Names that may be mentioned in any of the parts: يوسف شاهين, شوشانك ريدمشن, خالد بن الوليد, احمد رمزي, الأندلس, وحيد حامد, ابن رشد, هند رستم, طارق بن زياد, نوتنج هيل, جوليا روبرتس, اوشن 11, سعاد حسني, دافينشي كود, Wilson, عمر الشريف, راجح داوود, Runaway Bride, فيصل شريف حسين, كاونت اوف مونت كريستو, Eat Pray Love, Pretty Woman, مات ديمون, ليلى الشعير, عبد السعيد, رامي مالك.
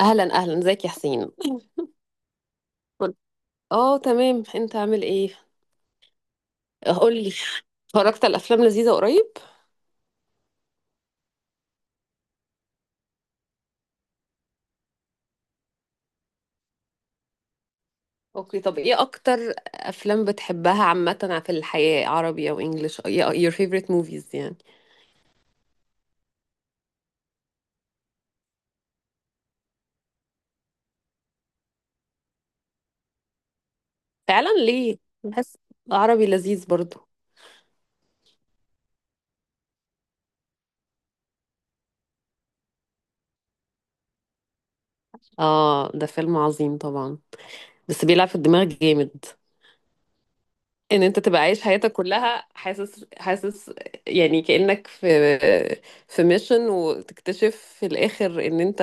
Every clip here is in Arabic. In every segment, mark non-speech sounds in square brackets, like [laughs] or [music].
اهلا اهلا، ازيك يا حسين. قول- اه تمام، انت عامل ايه؟ قول لي، اتفرجت على افلام لذيذه قريب؟ اوكي، طب ايه اكتر افلام بتحبها عامه في الحياه، عربي او انجليش؟ your favorite movies يعني. فعلا ليه؟ بحس عربي لذيذ برضو. اه ده فيلم عظيم طبعا، بس بيلعب في الدماغ جامد. ان انت تبقى عايش حياتك كلها حاسس حاسس يعني كأنك في في ميشن، وتكتشف في الاخر ان انت،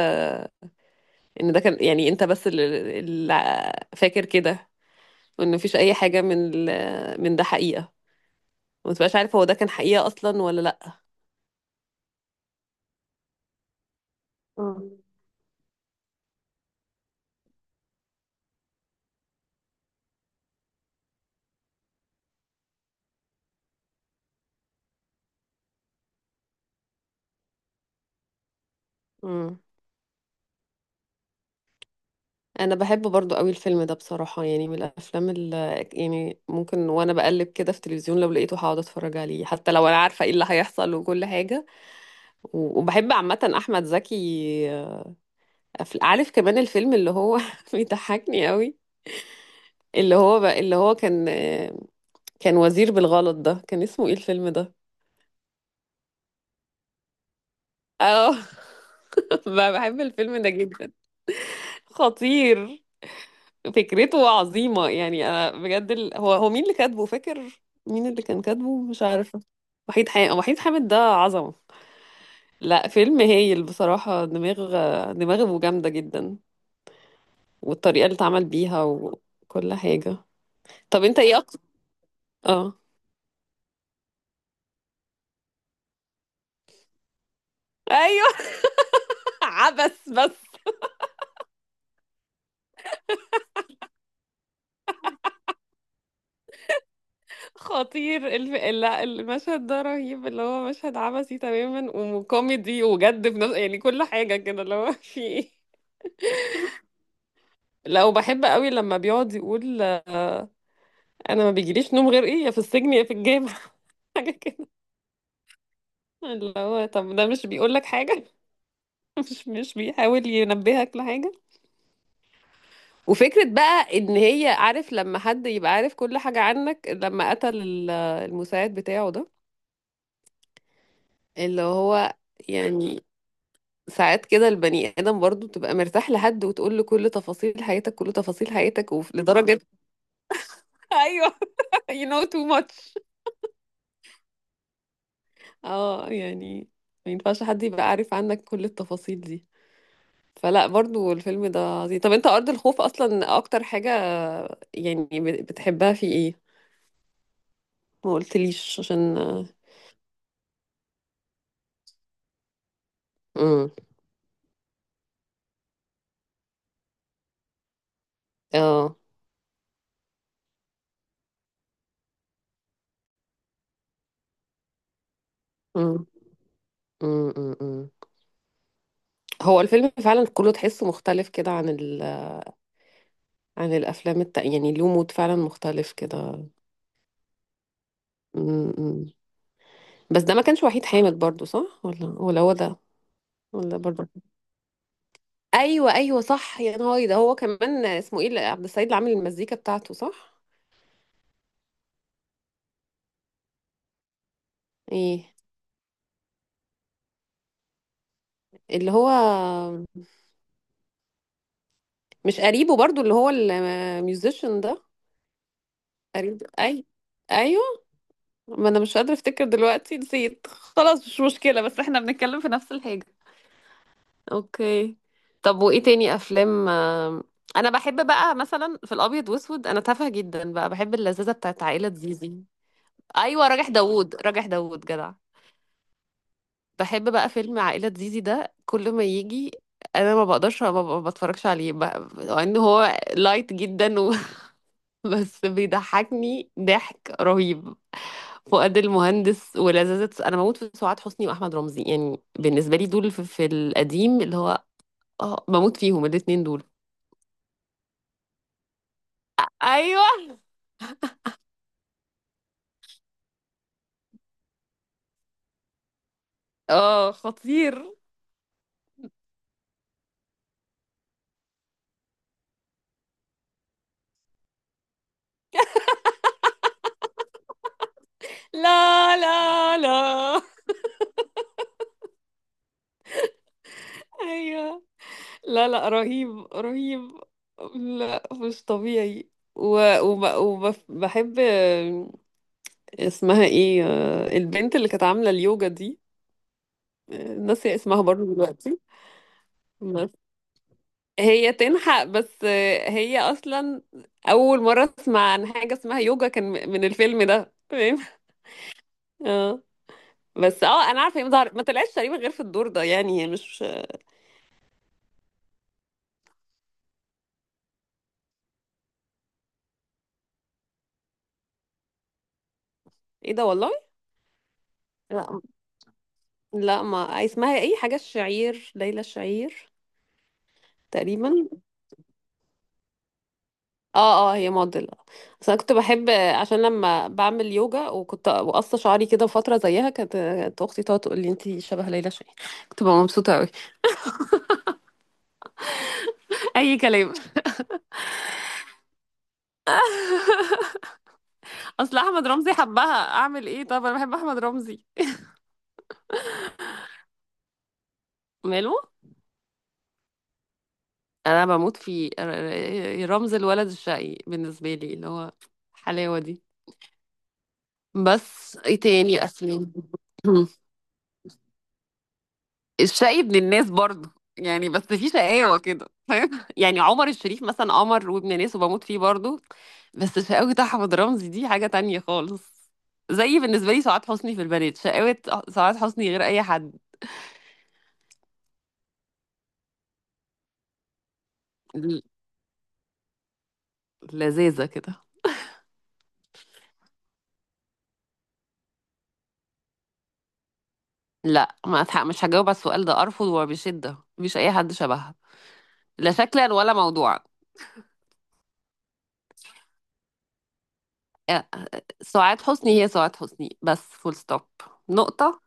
ان ده كان يعني انت بس اللي فاكر كده، وان مفيش اي حاجه من ده حقيقه، وما تبقاش عارف هو ده كان حقيقه اصلا ولا لا. مم. مم. انا بحب برضو قوي الفيلم ده بصراحه، يعني من الافلام اللي يعني ممكن وانا بقلب كده في التلفزيون لو لقيته هقعد اتفرج عليه، حتى لو انا عارفه ايه اللي هيحصل وكل حاجه. وبحب عامه احمد زكي. عارف كمان الفيلم اللي هو [laughs] بيضحكني قوي، اللي هو بقى اللي هو كان كان وزير بالغلط، ده كان اسمه ايه الفيلم ده؟ اه. [laughs] بحب الفيلم ده جدا. خطير. فكرته عظيمة، يعني انا بجد هو هو مين اللي كاتبه، فاكر؟ مين اللي كان كاتبه، مش عارفة. وحيد حامد. وحيد حامد ده عظمة. لا، فيلم هايل بصراحة. دماغ، دماغه جامدة جدا. والطريقة اللي اتعمل بيها وكل حاجة. طب انت ايه اكتر؟ اه. ايوه. [laughs] عبس بس. خطير لا، المشهد ده رهيب، اللي هو مشهد عبثي تماما وكوميدي وجد في نفس يعني كل حاجة كده، اللي هو [laughs] في ايه. لا، وبحب قوي لما بيقعد يقول انا ما بيجيليش نوم غير ايه، يا في السجن يا في الجامع. [laughs] حاجة كده. اللي هو طب ده مش بيقول لك حاجة؟ [laughs] مش بيحاول ينبهك لحاجة؟ وفكرة بقى ان هي عارف لما حد يبقى عارف كل حاجة عنك، لما قتل المساعد بتاعه ده، اللي هو يعني ساعات كده البني آدم برضو بتبقى مرتاح لحد وتقول له كل تفاصيل حياتك، كل تفاصيل حياتك، ولدرجة. [laughs] ايوه. [laughs] you know too much. اه يعني ما ينفعش حد يبقى عارف عنك كل التفاصيل دي. فلا برضو الفيلم ده عظيم. طب انت أرض الخوف أصلا أكتر حاجة يعني بتحبها في ايه؟ ما قلتليش عشان. امم. اه. امم. امم. أمم. هو الفيلم فعلا كله تحسه مختلف كده عن الافلام التانية، يعني له مود فعلا مختلف كده. امم. أمم. بس ده ما كانش وحيد حامد برضو، صح ولا هو ده؟ ولا برضو. ايوه ايوه صح، يا نهاري، ده هو كمان. اسمه ايه عبد السعيد اللي عامل المزيكا بتاعته، صح؟ ايه اللي هو مش قريبه برضو، اللي هو الميوزيشن ده؟ قريب اي. ايوه. ما انا مش قادره افتكر دلوقتي، نسيت خلاص، مش مشكله بس احنا بنتكلم في نفس الحاجه. اوكي. طب وايه تاني افلام؟ انا بحب بقى مثلا في الابيض واسود، انا تافهه جدا بقى، بحب اللذاذه بتاعت عائله زيزي. ايوه راجح داوود، راجح داوود جدع. بحب بقى فيلم عائلة زيزي ده كل ما يجي انا ما بقدرش ما بتفرجش عليه بقى، مع ان هو لايت جدا [laughs] بس بيضحكني ضحك رهيب. فؤاد المهندس ولذاذة، انا بموت في سعاد حسني واحمد رمزي، يعني بالنسبه لي دول في القديم اللي هو، اه بموت فيهم الاتنين دول. ايوه. اه خطير. لا لا لا. [laughs] ايوه. لا لا، رهيب رهيب. لا مش طبيعي. و... وب... وبحب. اسمها ايه البنت اللي كانت عاملة اليوجا دي؟ ناسية اسمها برضه دلوقتي. بس. هي تنحق بس، هي اصلا اول مرة اسمع عن حاجة اسمها يوجا كان من الفيلم ده، فاهم؟ [laughs] اه. بس اه انا عارفة هي ما طلعتش تقريبا غير في الدور ده، يعني هي مش. ايه ده والله؟ لا لا. ما اسمها ايه، حاجة الشعير، ليلى الشعير. تقريبا. اه اه هي موديل. بس انا كنت بحب عشان لما بعمل يوجا وكنت بقص شعري كده فتره زيها، كانت كانت اختي تقعد تقول لي انت شبه ليلى شاهين، كنت ببقى مبسوطه قوي. اي كلام. اصل احمد رمزي حبها، اعمل ايه؟ طب انا بحب احمد رمزي. ماله. انا بموت في رمز الولد الشقي بالنسبه لي، اللي هو الحلاوه دي. بس ايه تاني اسلم. الشقي ابن الناس برضه يعني، بس في شقاوة كده، فاهم؟ [laughs] يعني عمر الشريف مثلا قمر وابن ناس وبموت فيه برضه، بس شقاوة أحمد رمزي دي حاجة تانية خالص. زي بالنسبة لي سعاد حسني في البنات، شقاوة سعاد حسني غير أي حد. ل- لذيذة كده. لا، ما أتح- مش هجاوب على السؤال ده، أرفض وبشدة، مفيش أي حد شبهها، لا شكلا ولا موضوعا. أ- سعاد حسني هي سعاد حسني، بس، فول ستوب، نقطة.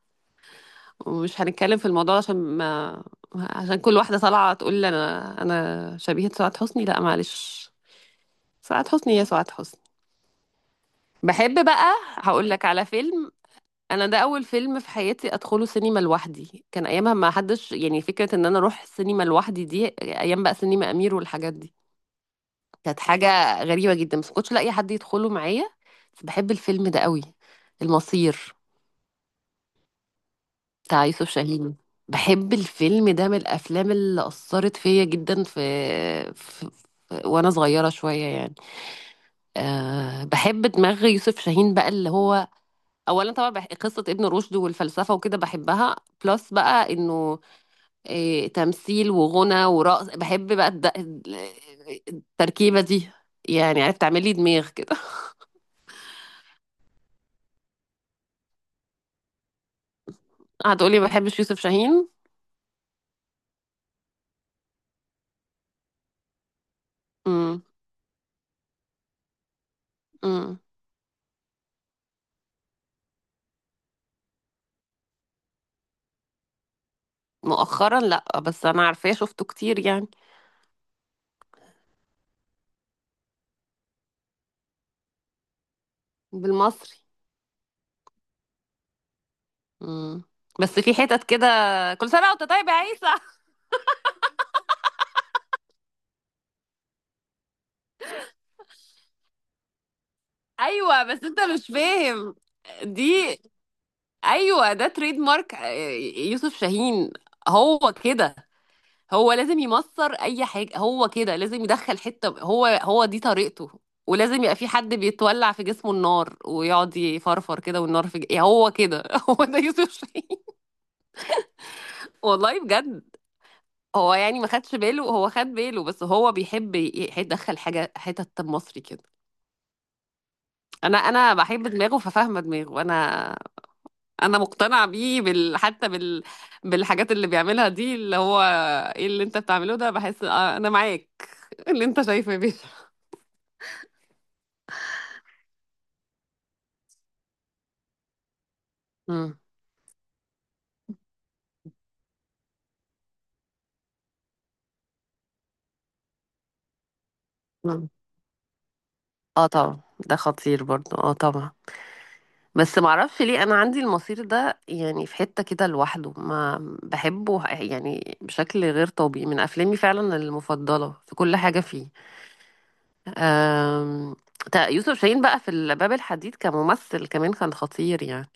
ومش هنتكلم في الموضوع عشان ما، عشان كل واحدة طالعة تقول لي أنا أنا شبيهة سعاد حسني. لا، معلش، سعاد حسني هي سعاد حسني. بحب بقى. هقول لك على فيلم. أنا ده أول فيلم في حياتي أدخله سينما لوحدي، كان أيامها ما حدش، يعني فكرة إن أنا أروح السينما لوحدي دي، أيام بقى سينما أمير والحاجات دي، كانت حاجة غريبة جدا، بس ما كنتش لاقي حد يدخله معايا. بس بحب الفيلم ده قوي. المصير بتاع يوسف شاهين. بحب الفيلم ده من الافلام اللي اثرت فيا جدا في... وانا صغيره شويه يعني. أه بحب دماغ يوسف شاهين بقى اللي هو، اولا طبعا قصه ابن رشد والفلسفه وكده بحبها، بلس بقى انه إيه، تمثيل وغنى ورقص، بحب بقى التركيبه دي، يعني عرفت تعمل لي دماغ كده. [laughs] هتقولي ما بحبش يوسف شاهين. امم. امم. مؤخرا لا، بس انا عارفاه شفته كتير يعني. بالمصري. مم. بس في حتت كده، كل سنة وانت طيب يا عيسى. [laughs] ايوه بس انت مش فاهم دي. ايوه ده تريد مارك يوسف شاهين، هو كده، هو لازم يمصر اي حاجة، هو كده لازم يدخل حتة، هو هو دي طريقته، ولازم يبقى في حد بيتولع في جسمه النار ويقعد يفرفر كده والنار في ج... يعني هو كده [laughs] هو ده يوسف شاهين. والله بجد. هو يعني ما خدش باله، هو خد باله بس هو بيحب يدخل حاجة حتة مصري كده. انا بحب دماغه ففاهمه دماغه انا. انا مقتنعه بيه حتى بالحاجات اللي بيعملها دي، اللي هو ايه اللي انت بتعمله ده، بحس انا معاك [laughs] اللي انت شايفه بيه. مم. مم. اه طبعا. ده خطير برضو اه طبعا. بس معرفش ليه انا عندي المصير ده يعني في حتة كده لوحده، ما بحبه يعني بشكل غير طبيعي، من افلامي فعلا المفضلة، في كل حاجة فيه. أم... يوسف شاهين بقى في الباب الحديد كممثل كمان كان خطير يعني.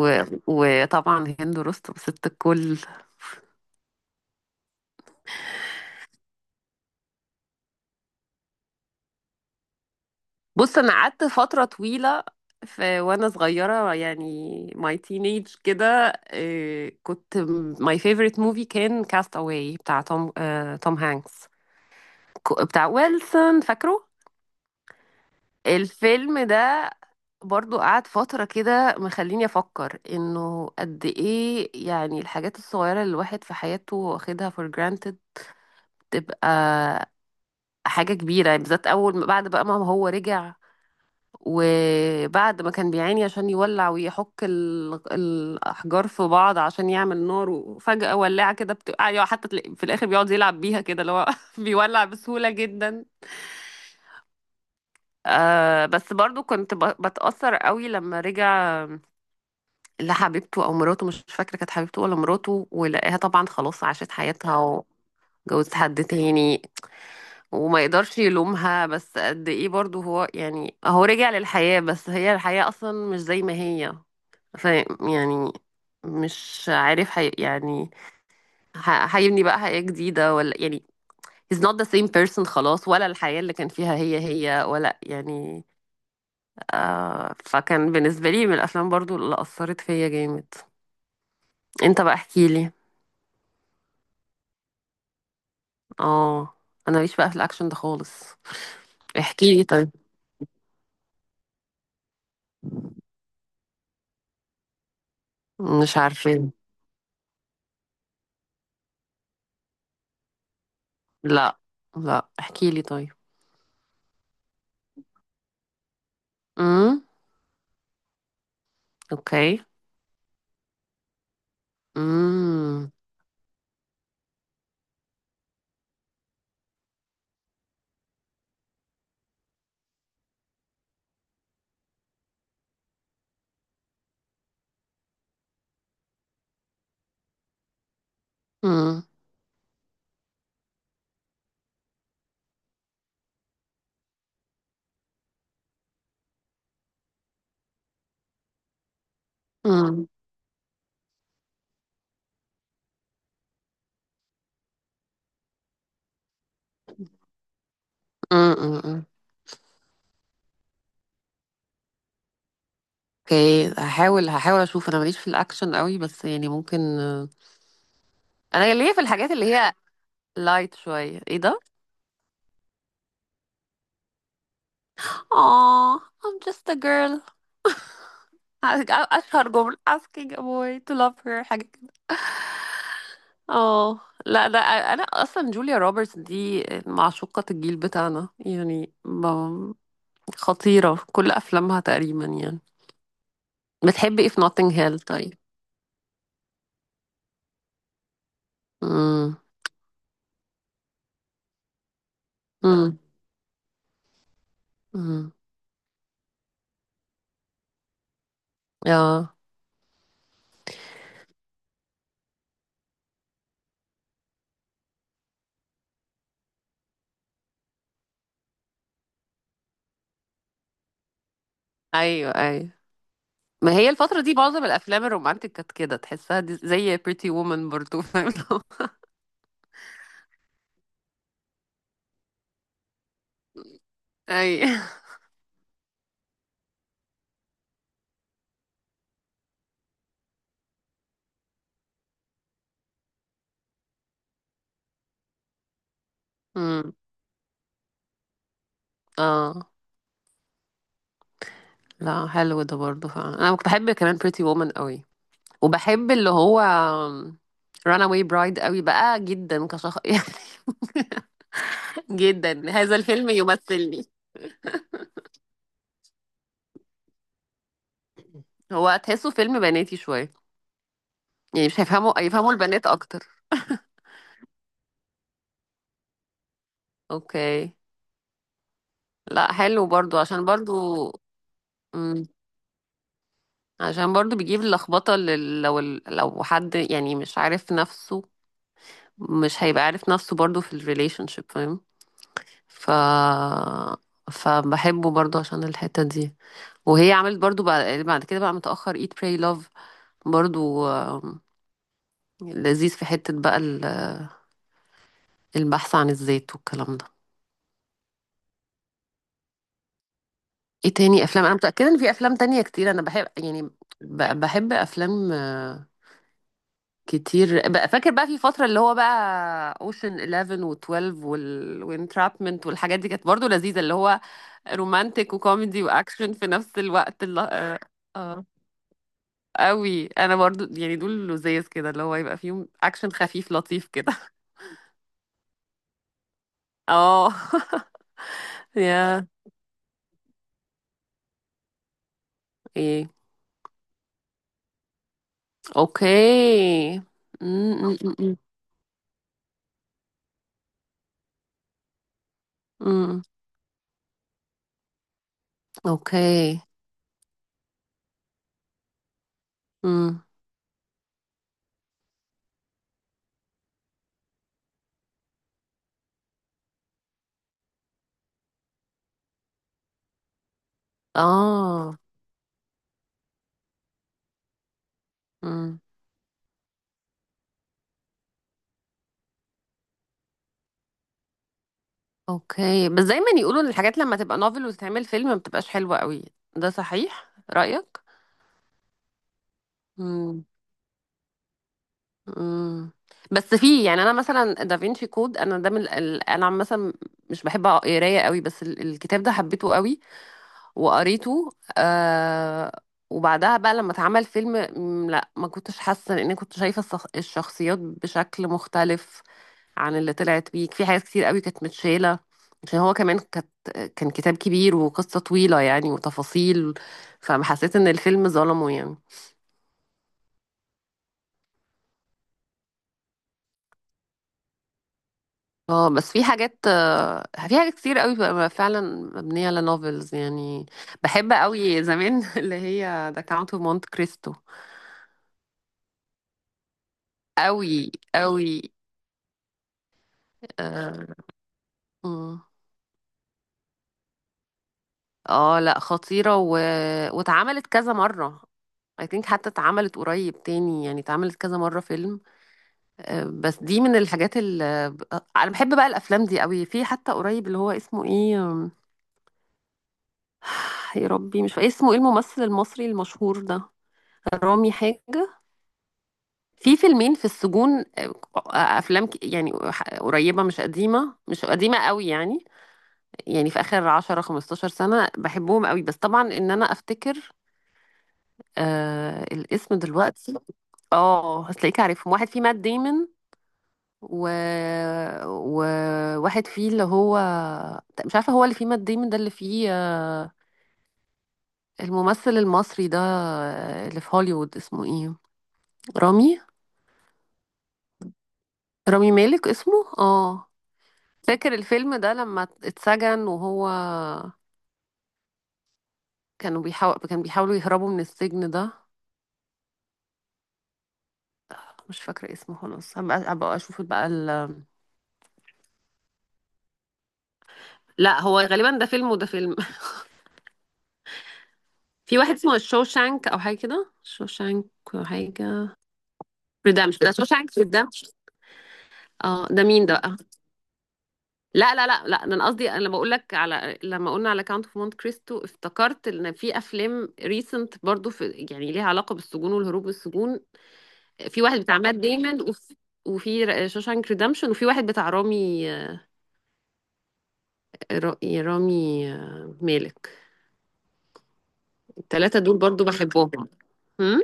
وطبعا هند رستم ست الكل. بص انا قعدت فتره طويله في وانا صغيره يعني، ماي تينيج كده، إيه، كنت ماي فيفورت موفي كان كاست اواي بتاع توم، توم هانكس، بتاع ويلسون، فاكره الفيلم ده؟ برضو قعد فترة كده مخليني أفكر إنه قد إيه يعني الحاجات الصغيرة اللي الواحد في حياته واخدها for granted تبقى حاجة كبيرة، يعني بالذات أول ما بعد بقى ما هو رجع، وبعد ما كان بيعاني عشان يولع ويحك الأحجار في بعض عشان يعمل نار، وفجأة ولاعة كده بتبقى، يعني حتى تلاقي، في الآخر بيقعد يلعب بيها كده اللي هو [laughs] بيولع بسهولة جدا. آه بس برضو كنت بتأثر قوي لما رجع لحبيبته أو مراته، مش فاكرة كانت حبيبته ولا مراته، ولقاها طبعا خلاص عاشت حياتها وجوزت حد تاني، وما يقدرش يلومها، بس قد ايه برضو هو يعني هو رجع للحياة بس هي الحياة اصلا مش زي ما هي. ف يعني، مش عارف حي يعني هيبني بقى حياة جديدة ولا يعني، he's not the same person خلاص، ولا الحياة اللي كان فيها هي هي، ولا يعني. آه، فكان بالنسبة لي من الأفلام برضو اللي أثرت فيا جامد. انت بقى احكيلي. اه. أنا ماليش بقى في الأكشن ده خالص. احكيلي طيب. مش عارفة. لا لا، احكيلي طيب. Mm. اوكي. امم. امم. امم. امم. اوكي هحاول هحاول اشوف، انا ماليش في الاكشن قوي بس يعني ممكن. انا ليا في الحاجات اللي هي لايت شويه، ايه ده؟ اه I'm just a girl. [laughs] اشهر جمله asking a boy to love her، حاجه كده. اه. لا ده انا اصلا جوليا روبرتس دي معشوقة الجيل بتاعنا يعني خطيرة في كل افلامها تقريبا يعني. بتحبي ايه في نوتنج هيل طيب؟ امم. امم. امم. اه. ايوه ايوه، ما هي الفترة دي معظم الأفلام الرومانتك كانت كده تحسها، دي زي Pretty Woman برضو فاهم. [laughs] أي. امم. اه. لا حلو ده برضو فعلا، أنا كنت بحب كمان Pretty Woman قوي. وبحب اللي هو Runaway Bride قوي بقى جدا كشخص [laughs] يعني، جدا هذا الفيلم يمثلني. هو تحسه فيلم بناتي شوية يعني، مش هيفهموا، يفهموا البنات أكتر. اوكي. لا حلو برضو عشان برضو. امم. عشان برضو بيجيب اللخبطة لو حد يعني مش عارف نفسه، مش هيبقى عارف نفسه برضو في الريليشن شيب، فاهم؟ ف فبحبه برضو عشان الحتة دي. وهي عملت برضو بعد كده بقى متأخر Eat Pray Love برضو، لذيذ في حتة بقى البحث عن الذات والكلام ده. ايه تاني افلام؟ انا متأكدة ان في افلام تانية كتير انا بحب يعني، بحب افلام كتير بقى. فاكر بقى في فترة اللي هو بقى اوشن 11 و12 وانترابمنت والحاجات دي كانت برضو لذيذة، اللي هو رومانتك وكوميدي واكشن في نفس الوقت اللي... اه. آه. قوي، انا برضو يعني دول لذيذ كده اللي هو يبقى فيهم اكشن خفيف لطيف كده. [laughs] اه. [laughs] يا ايه. اوكي. م- م- م- م. م. اوكي. م. [laughs] اه. م. اوكي، بس دايما يقولوا ان الحاجات لما تبقى نوفل وتتعمل فيلم ما بتبقاش حلوة قوي، ده صحيح رأيك؟ امم. امم. بس في يعني، انا مثلا دافينشي كود، انا ده انا مثلا مش بحب قرايه قوي بس الكتاب ده حبيته قوي وقريته. آه... وبعدها بقى لما اتعمل فيلم لا ما كنتش حاسه، لان كنت شايفه الشخصيات بشكل مختلف عن اللي طلعت بيه، في حاجات كتير قوي كانت متشالة، عشان هو كمان كانت، كان كتاب كبير وقصة طويلة يعني وتفاصيل، فحسيت ان الفيلم ظلمه يعني. اه بس في حاجات في حاجات كتير قوي بقى فعلا مبنية على نوفلز يعني. بحب قوي زمان [laughs] اللي هي ذا كاونت اوف مونت كريستو. قوي قوي. اه. مم. لا خطيرة واتعملت كذا مرة. I think حتى اتعملت قريب تاني يعني، اتعملت كذا مرة فيلم. بس دي من الحاجات اللي انا بحب بقى الافلام دي قوي. في حتى قريب اللي هو اسمه ايه، يا ربي مش فاكر اسمه ايه، الممثل المصري المشهور ده رامي حاجة، في فيلمين في السجون، افلام يعني قريبة، مش قديمة، مش قديمة قوي يعني، يعني في اخر 10 15 سنة، بحبهم قوي بس طبعا ان انا افتكر آه الاسم دلوقتي. اه هتلاقيك عارفهم، واحد فيه مات ديمون و... وواحد فيه اللي هو، مش عارفة هو اللي فيه مات ديمون ده اللي فيه الممثل المصري ده اللي في هوليوود اسمه ايه، رامي. رامي مالك اسمه، اه. فاكر الفيلم ده لما اتسجن وهو، كانوا بيحاول، كان بيحاولوا يهربوا من السجن ده. مش فاكرة اسمه خلاص، هبقى اشوف بقى ال... لا هو غالبا ده فيلم وده فيلم. [laughs] في واحد اسمه شوشانك او حاجة كده، شوشانك حاجة. ريدمشن، ده شوشانك ريدمشن. اه ده مين ده بقى. لا لا لا لا، ده انا قصدي انا بقول لك على، لما قلنا على كاونت اوف مونت كريستو افتكرت ان في افلام ريسنت برضو، في يعني ليها علاقه بالسجون والهروب من السجون. في واحد بتاع مات ديمون، وفي وفي شوشانك ريدمشن، وفي واحد بتاع رامي، رامي مالك. الثلاثه دول برضو بحبهم. هم؟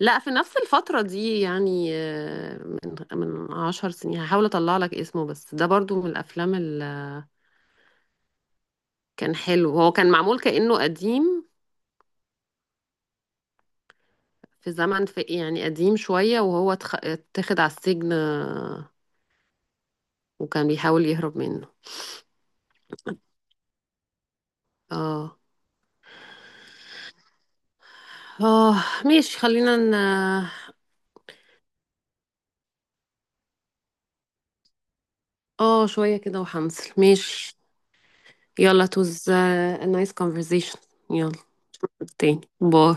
لا في نفس الفتره دي يعني من من 10 سنين. اطلع لك اسمه، بس ده برضو من الافلام اللي كان حلو، هو كان معمول كانه قديم في زمن، في يعني قديم شوية، وهو اتاخد على السجن وكان بيحاول يهرب منه. اه. اه ماشي خلينا ن... اه شوية كده وحنصل، ماشي. يلا it was a nice conversation. يلا. تاني باي.